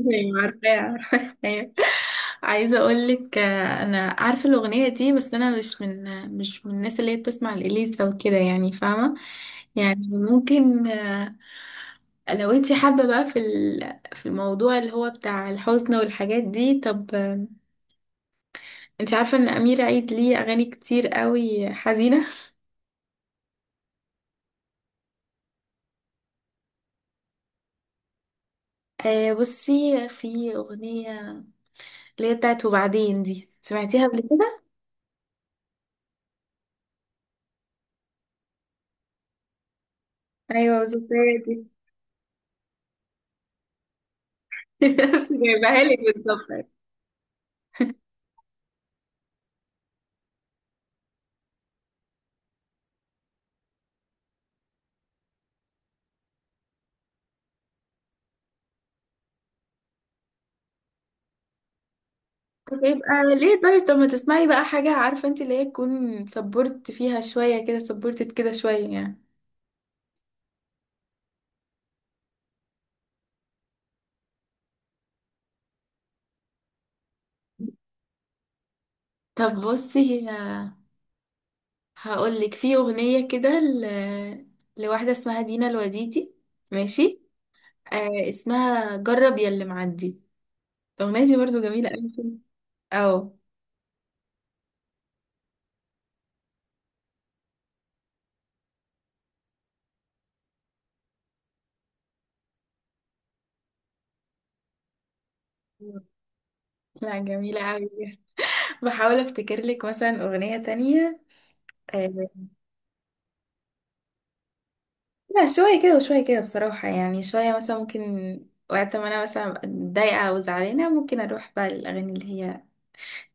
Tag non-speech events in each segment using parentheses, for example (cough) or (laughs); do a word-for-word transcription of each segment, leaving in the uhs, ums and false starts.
ايوه، عارفاه عارفاه (laughs) أيوة. عايزه اقول لك انا عارفه الاغنيه دي، بس انا مش من آه، مش من الناس اللي هي بتسمع الاليسا وكده، يعني فاهمه. يعني ممكن، آه، لو انتي حابه بقى في ال- في الموضوع اللي هو بتاع الحزن والحاجات دي. طب آه، انتي عارفه ان امير عيد ليه اغاني كتير قوي حزينه؟ (laughs) آه بصي، في اغنيه اللي هي بتاعت وبعدين، دي سمعتيها قبل كده؟ ايوه بالظبط، هي دي. (laughs) بس جايبها لك بالظبط. طب يبقى ليه؟ طيب طب ما تسمعي بقى حاجة، عارفة انت، اللي هي تكون سبورت فيها شوية كده، سبورتت كده شوية يعني. طب بصي، ه- هقولك في أغنية كده ل... لواحدة اسمها دينا الوديدي، ماشي. آه اسمها جرب يا اللي معدي. الأغنية دي برضو جميلة أوي. اه. لا، جميلة أوي. بحاول افتكر لك مثلا أغنية تانية. آه، لا، شوية كده وشوية كده بصراحة يعني. شوية مثلا ممكن وقت ما أنا مثلا أبقى متضايقة أو زعلانة ممكن أروح بقى للأغاني اللي هي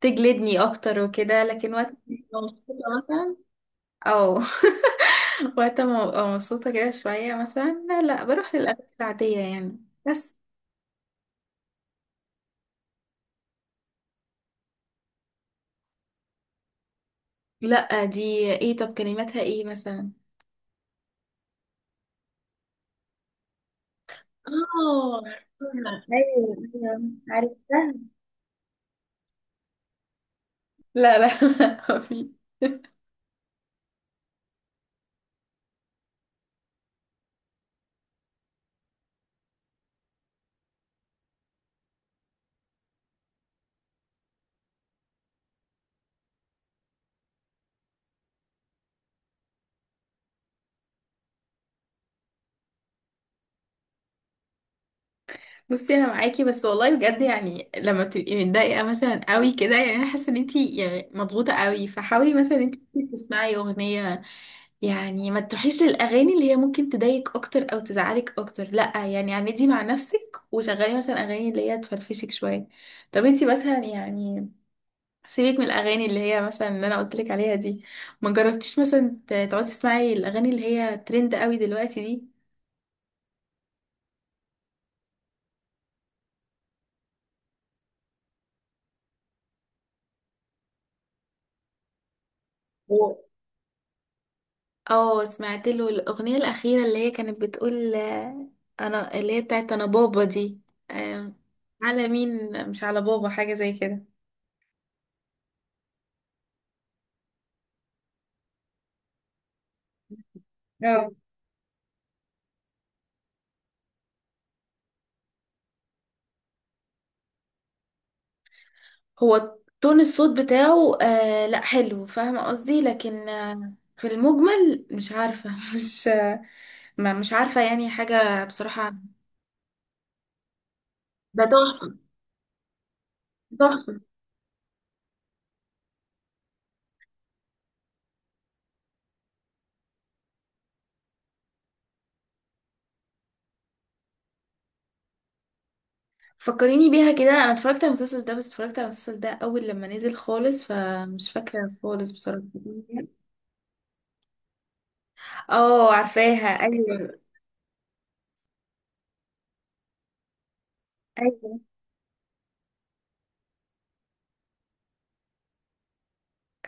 تجلدني أكتر وكده، لكن وقت ما أبقى مبسوطة مثلا، أو (laughs) وقت ما أبقى مبسوطة كده شوية مثلا، لا لا، بروح للأغاني العادية يعني بس. لا دي... ايه؟ طب كلماتها ايه مثلا؟ اه، عرفتها. ايوه، ايوه، عرفتها. لا لا (laughs) ما في. بصي، انا معاكي، بس والله بجد، يعني لما تبقي متضايقه مثلا قوي كده، يعني انا حاسه ان انتي يعني مضغوطه قوي، فحاولي مثلا انتي تسمعي اغنيه، يعني ما تروحيش للاغاني اللي هي ممكن تضايقك اكتر او تزعلك اكتر، لا يعني. عندي مع نفسك وشغلي مثلا اغاني اللي هي تفرفشك شويه. طب انتي مثلا يعني، سيبك من الاغاني اللي هي مثلا اللي انا قلت لك عليها دي، ما جربتيش مثلا ت- تقعدي تسمعي الاغاني اللي هي ترند قوي دلوقتي دي؟ اه، سمعت له الاغنيه الاخيره اللي هي كانت بتقول، آه، انا، اللي هي بتاعت انا بابا دي. آم، على مين مش على بابا، حاجه زي كده. اه، هو تون الصوت بتاعه آه لا حلو، فاهمة قصدي، لكن آه في المجمل مش عارفة (laughs) مش آه. ما مش عارفة يعني حاجة بصراحة. ده تحفة. تحفة. فكريني بيها كده، انا اتفرجت على المسلسل ده، بس اتفرجت على المسلسل ده اول لما نزل خالص، فمش فاكرة خالص بصراحة. (laughs) اه، عارفاها. ايوه ايوه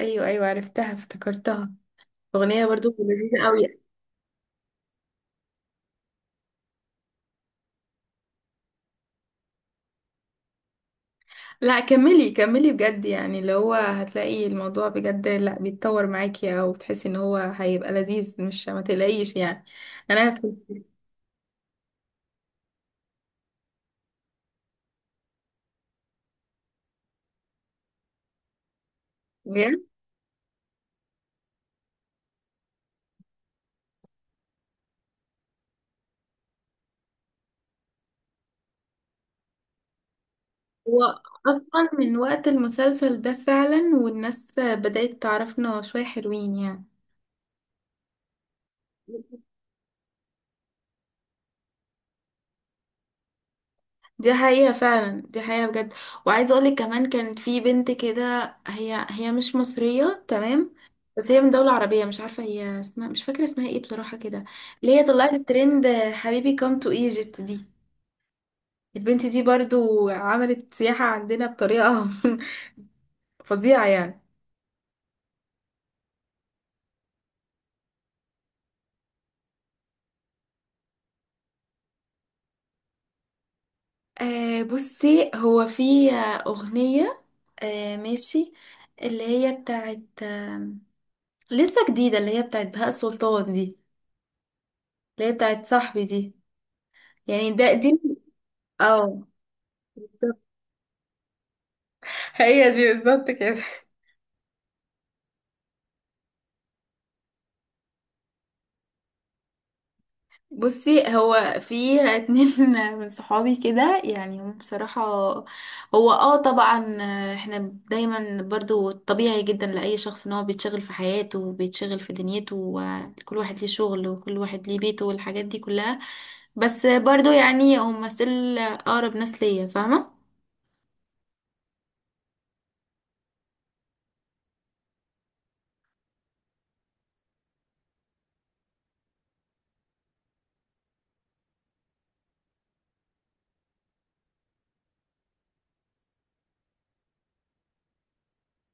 ايوه ايوه، عرفتها، افتكرتها. اغنيه برضو لذيذه قوي. لا كملي كملي بجد، يعني اللي هو هتلاقي الموضوع بجد، لا بيتطور معاكي او بتحسي ان هو هيبقى لذيذ، مش ما تقلقيش يعني. انا كنت بجد، هو اصلا من وقت المسلسل ده فعلا، والناس بدأت تعرفنا شويه، حلوين يعني. دي حقيقة فعلا، دي حقيقة بجد. وعايزة اقولك كمان، كانت في بنت كده، هي هي مش مصرية تمام، بس هي من دولة عربية، مش عارفة هي اسمها، مش فاكرة اسمها ايه بصراحة كده، اللي هي طلعت الترند حبيبي كام تو ايجيبت دي. البنت دي برضو عملت سياحة عندنا بطريقة (laughs) فظيعة يعني. آه بصي، هو في آه، أغنية، آه ماشي، اللي هي بتاعت آه لسه جديدة، اللي هي بتاعت بهاء سلطان دي، اللي هي بتاعت صاحبي دي، يعني ده دي. اه، بالظبط. هي دي بالظبط كده. بصي، هو في اتنين (laughs) من صحابي كده، يعني هم بصراحة، هو اه طبعا احنا دايما برضو، طبيعي جدا لأي شخص ان هو بيتشغل في حياته وبيتشغل في دنيته، وكل واحد ليه شغل وكل واحد ليه بيته والحاجات دي كلها، بس برضو يعني هم still أقرب ناس ليا، فاهمة؟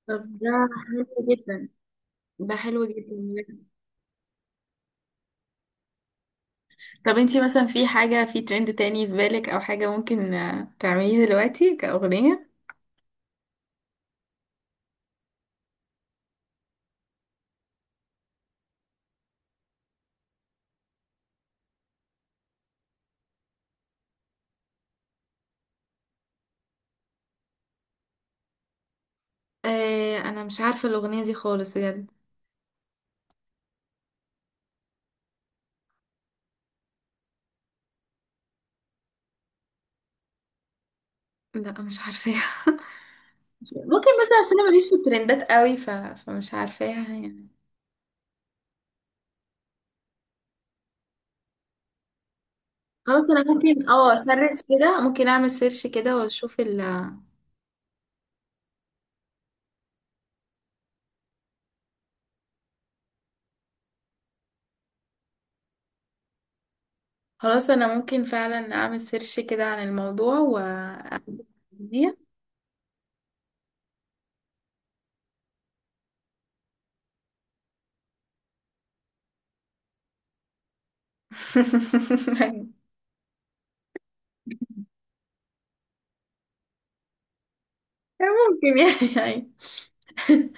طب ده حلو جدا، ده حلو جدا. طب انتي مثلا في حاجة في ترند تاني في بالك، او حاجة ممكن آه، تعمليه دلوقتي كأغنية؟ آه انا مش عارفه الاغنيه دي خالص بجد. لا مش عارفاها (laughs) ممكن مثلا عشان انا ماليش في الترندات قوي، ف... فمش عارفاها يعني. خلاص، انا ممكن اه اسرش كده، ممكن اعمل سيرش كده واشوف ال... خلاص انا ممكن فعلا اعمل سيرش كده عن الموضوع و... (laughs) (laughs) دي ممكن يعني يعني (laughs)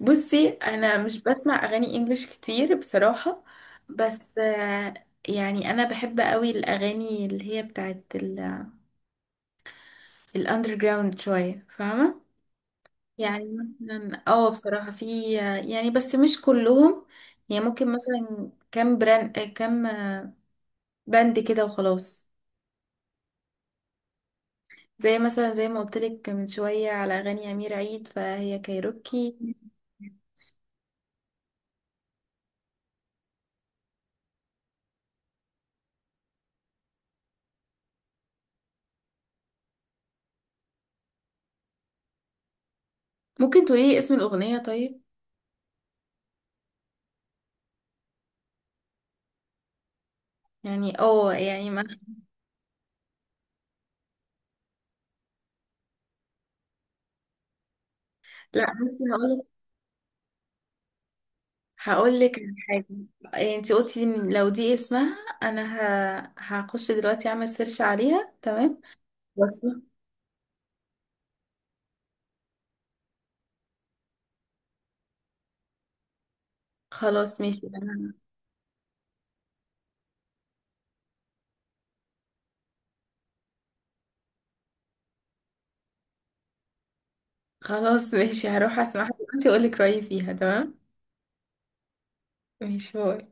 بصي، انا مش بسمع اغاني انجليش كتير بصراحة، بس آه، يعني انا بحب قوي الاغاني اللي هي بتاعت الاندر جراوند شوية، فاهمة يعني. مثلا اه بصراحة في يعني، بس مش كلهم. يعني ممكن مثلا كام براند آه، كام باند كده وخلاص. زي مثلا زي ما قلت لك من شوية على اغاني امير عيد، فهي كايروكي. ممكن تقولي اسم الاغنية طيب؟ يعني اه يعني ما... لا بس هقولك هقولك على حاجة. يعني انتي قلتي ان لو دي اسمها، انا ه... هخش دلوقتي اعمل سيرش عليها، تمام، واسمع. خلاص ماشي انا... خلاص ماشي، هروح اسمعها دلوقتي اقولك رأيي فيها. تمام، ماشي، باي.